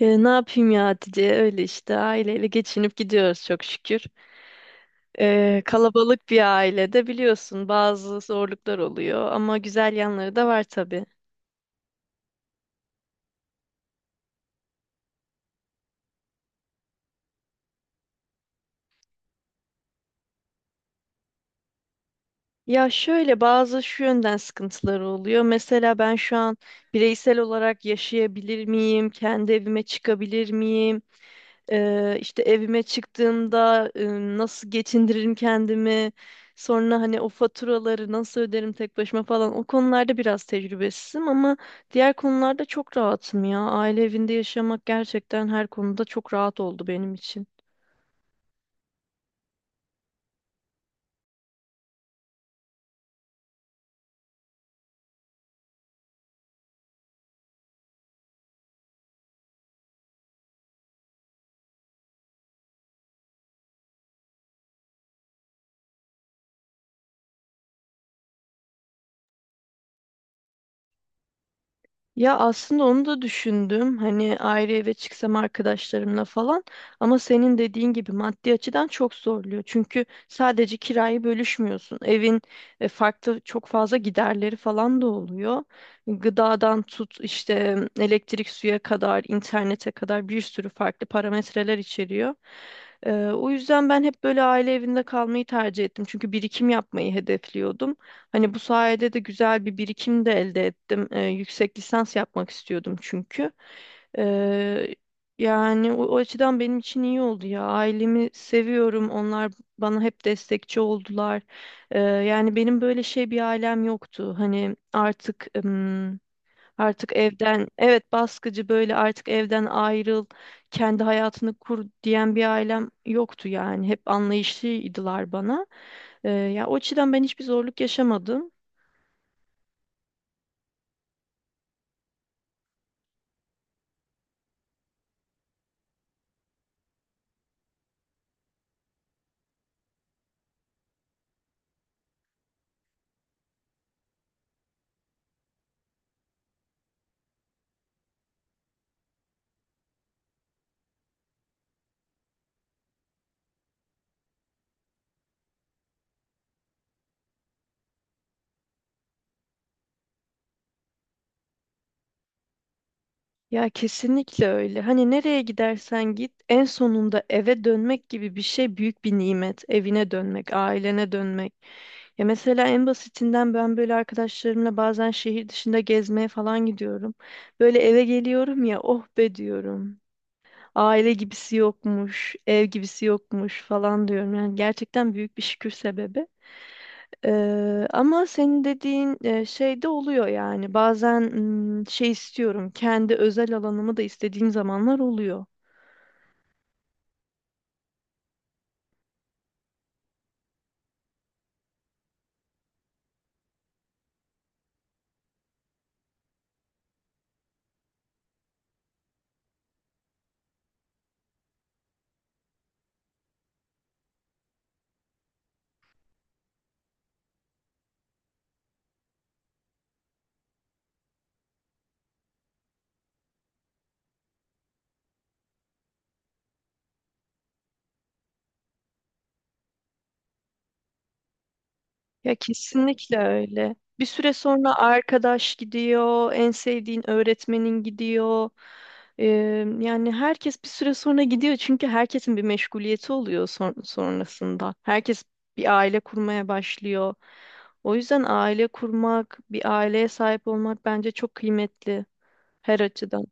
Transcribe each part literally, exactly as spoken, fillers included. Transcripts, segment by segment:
Ee, ne yapayım ya Hatice? Öyle işte aileyle geçinip gidiyoruz çok şükür. Ee, kalabalık bir ailede biliyorsun bazı zorluklar oluyor ama güzel yanları da var tabii. Ya şöyle bazı şu yönden sıkıntıları oluyor. Mesela ben şu an bireysel olarak yaşayabilir miyim? Kendi evime çıkabilir miyim? Eee, işte evime çıktığımda e, nasıl geçindiririm kendimi, sonra hani o faturaları nasıl öderim tek başıma falan o konularda biraz tecrübesizim ama diğer konularda çok rahatım ya. Aile evinde yaşamak gerçekten her konuda çok rahat oldu benim için. Ya aslında onu da düşündüm. Hani ayrı eve çıksam arkadaşlarımla falan ama senin dediğin gibi maddi açıdan çok zorluyor. Çünkü sadece kirayı bölüşmüyorsun. Evin e, farklı çok fazla giderleri falan da oluyor. Gıdadan tut işte elektrik suya kadar, internete kadar bir sürü farklı parametreler içeriyor. Ee, o yüzden ben hep böyle aile evinde kalmayı tercih ettim. Çünkü birikim yapmayı hedefliyordum. Hani bu sayede de güzel bir birikim de elde ettim. Ee, yüksek lisans yapmak istiyordum çünkü. Ee, Yani o, o açıdan benim için iyi oldu ya. Ailemi seviyorum. Onlar bana hep destekçi oldular. Ee, yani benim böyle şey bir ailem yoktu. Hani artık Artık evden, evet baskıcı böyle artık evden ayrıl, kendi hayatını kur diyen bir ailem yoktu yani. Hep anlayışlıydılar bana. Ee, ya o açıdan ben hiçbir zorluk yaşamadım. Ya kesinlikle öyle. Hani nereye gidersen git, en sonunda eve dönmek gibi bir şey büyük bir nimet. Evine dönmek, ailene dönmek. Ya mesela en basitinden ben böyle arkadaşlarımla bazen şehir dışında gezmeye falan gidiyorum. Böyle eve geliyorum ya, oh be diyorum. Aile gibisi yokmuş, ev gibisi yokmuş falan diyorum. Yani gerçekten büyük bir şükür sebebi. Ee, ama senin dediğin e, şey de oluyor yani. Bazen mm, şey istiyorum, kendi özel alanımı da istediğim zamanlar oluyor. Ya kesinlikle öyle. Bir süre sonra arkadaş gidiyor, en sevdiğin öğretmenin gidiyor. Ee, Yani herkes bir süre sonra gidiyor çünkü herkesin bir meşguliyeti oluyor son- sonrasında. Herkes bir aile kurmaya başlıyor. O yüzden aile kurmak, bir aileye sahip olmak bence çok kıymetli her açıdan.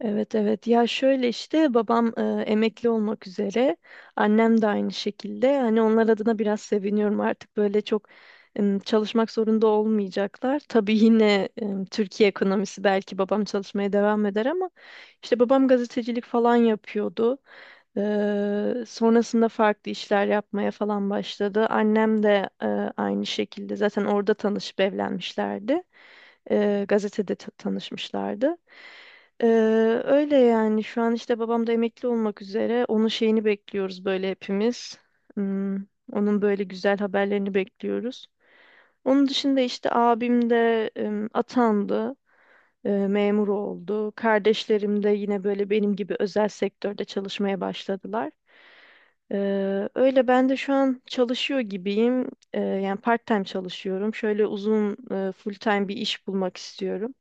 Evet, evet, ya şöyle işte babam e, emekli olmak üzere, annem de aynı şekilde, hani onlar adına biraz seviniyorum artık böyle çok em, çalışmak zorunda olmayacaklar. Tabii yine em, Türkiye ekonomisi belki babam çalışmaya devam eder ama işte babam gazetecilik falan yapıyordu. Eee, sonrasında farklı işler yapmaya falan başladı. Annem de eee, aynı şekilde zaten orada tanışıp evlenmişlerdi. Eee, gazetede ta- tanışmışlardı. Eee, Öyle yani şu an işte babam da emekli olmak üzere, onun şeyini bekliyoruz böyle hepimiz. Hmm, onun böyle güzel haberlerini bekliyoruz. Onun dışında işte abim de em, atandı, e, memur oldu. Kardeşlerim de yine böyle benim gibi özel sektörde çalışmaya başladılar. Ee, öyle ben de şu an çalışıyor gibiyim. Ee, yani part-time çalışıyorum. Şöyle uzun e, full-time bir iş bulmak istiyorum.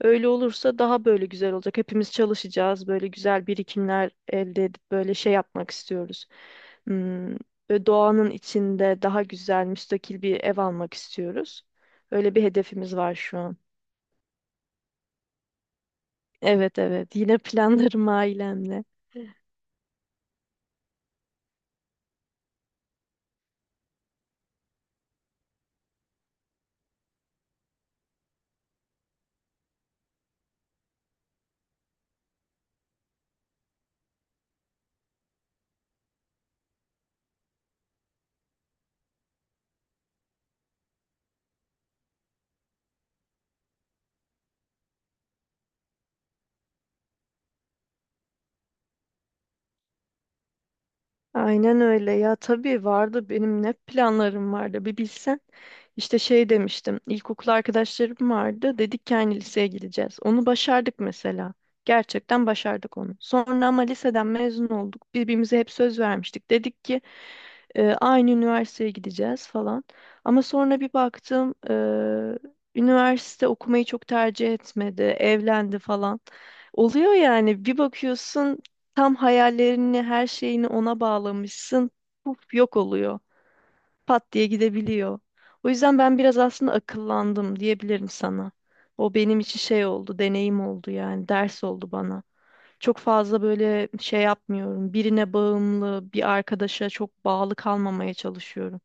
Öyle olursa daha böyle güzel olacak. Hepimiz çalışacağız. Böyle güzel birikimler elde edip böyle şey yapmak istiyoruz. Hmm, böyle doğanın içinde daha güzel, müstakil bir ev almak istiyoruz. Öyle bir hedefimiz var şu an. Evet, evet, yine planlarım ailemle. Aynen öyle ya, tabii vardı benim, ne planlarım vardı bir bilsen. İşte şey demiştim, ilkokul arkadaşlarım vardı, dedik ki aynı liseye gideceğiz. Onu başardık mesela. Gerçekten başardık onu. Sonra ama liseden mezun olduk. Birbirimize hep söz vermiştik. Dedik ki E, aynı üniversiteye gideceğiz falan. Ama sonra bir baktım e, üniversite okumayı çok tercih etmedi, evlendi falan. Oluyor yani, bir bakıyorsun tam hayallerini, her şeyini ona bağlamışsın. Puf, yok oluyor. Pat diye gidebiliyor. O yüzden ben biraz aslında akıllandım diyebilirim sana. O benim için şey oldu, deneyim oldu, yani ders oldu bana. Çok fazla böyle şey yapmıyorum. Birine bağımlı, bir arkadaşa çok bağlı kalmamaya çalışıyorum.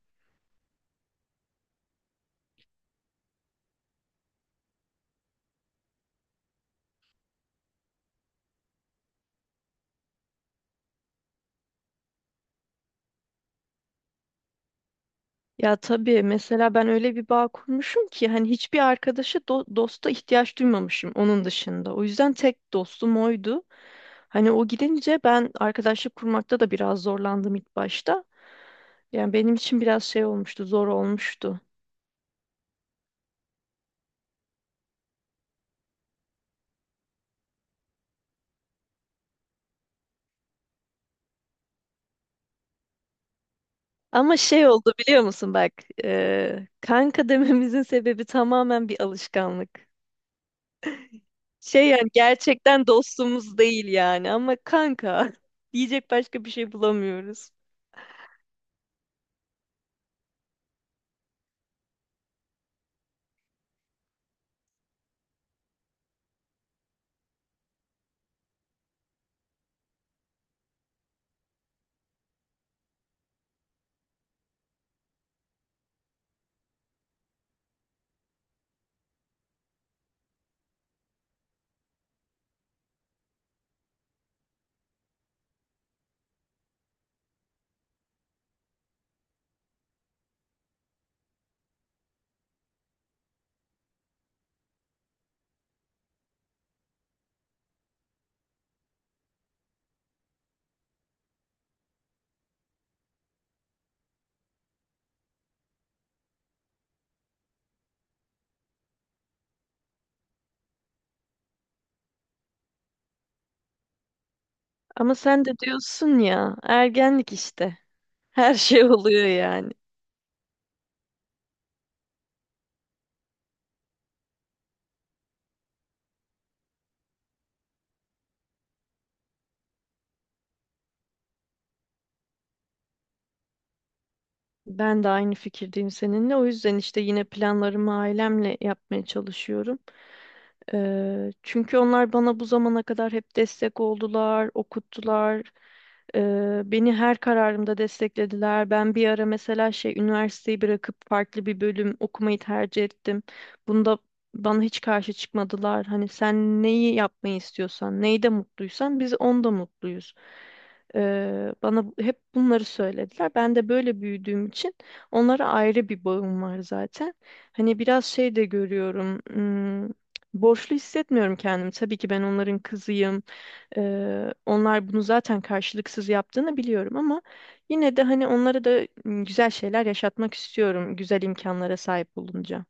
Ya tabii, mesela ben öyle bir bağ kurmuşum ki hani hiçbir arkadaşa do- dosta ihtiyaç duymamışım onun dışında. O yüzden tek dostum oydu. Hani o gidince ben arkadaşlık kurmakta da biraz zorlandım ilk başta. Yani benim için biraz şey olmuştu, zor olmuştu. Ama şey oldu biliyor musun bak, eee, kanka dememizin sebebi tamamen bir alışkanlık. Şey, yani gerçekten dostumuz değil yani ama kanka diyecek başka bir şey bulamıyoruz. Ama sen de diyorsun ya, ergenlik işte. Her şey oluyor yani. Ben de aynı fikirdeyim seninle. O yüzden işte yine planlarımı ailemle yapmaya çalışıyorum. Eee, çünkü onlar bana bu zamana kadar hep destek oldular, okuttular. Eee, beni her kararımda desteklediler. Ben bir ara mesela şey üniversiteyi bırakıp farklı bir bölüm okumayı tercih ettim. Bunda bana hiç karşı çıkmadılar. Hani sen neyi yapmayı istiyorsan, neyde mutluysan biz onda mutluyuz. Eee, bana bu- hep bunları söylediler. Ben de böyle büyüdüğüm için onlara ayrı bir bağım var zaten. Hani biraz şey de görüyorum. Hmm, borçlu hissetmiyorum kendimi. Tabii ki ben onların kızıyım. Eee, onlar bunu zaten karşılıksız yaptığını biliyorum ama yine de hani onlara da hmm, güzel şeyler yaşatmak istiyorum. Güzel imkanlara sahip olunca.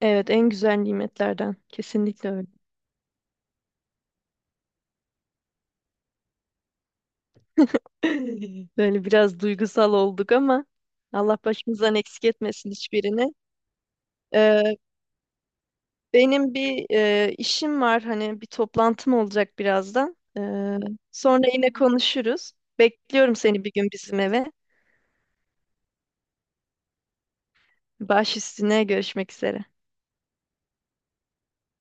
Evet, en güzel nimetlerden. Kesinlikle öyle. Böyle biraz duygusal olduk ama Allah başımızdan eksik etmesin hiçbirini. Ee, Benim bir e, işim var, hani bir toplantım olacak birazdan. Ee, sonra yine konuşuruz. Bekliyorum seni bir gün bizim eve. Baş üstüne, görüşmek üzere.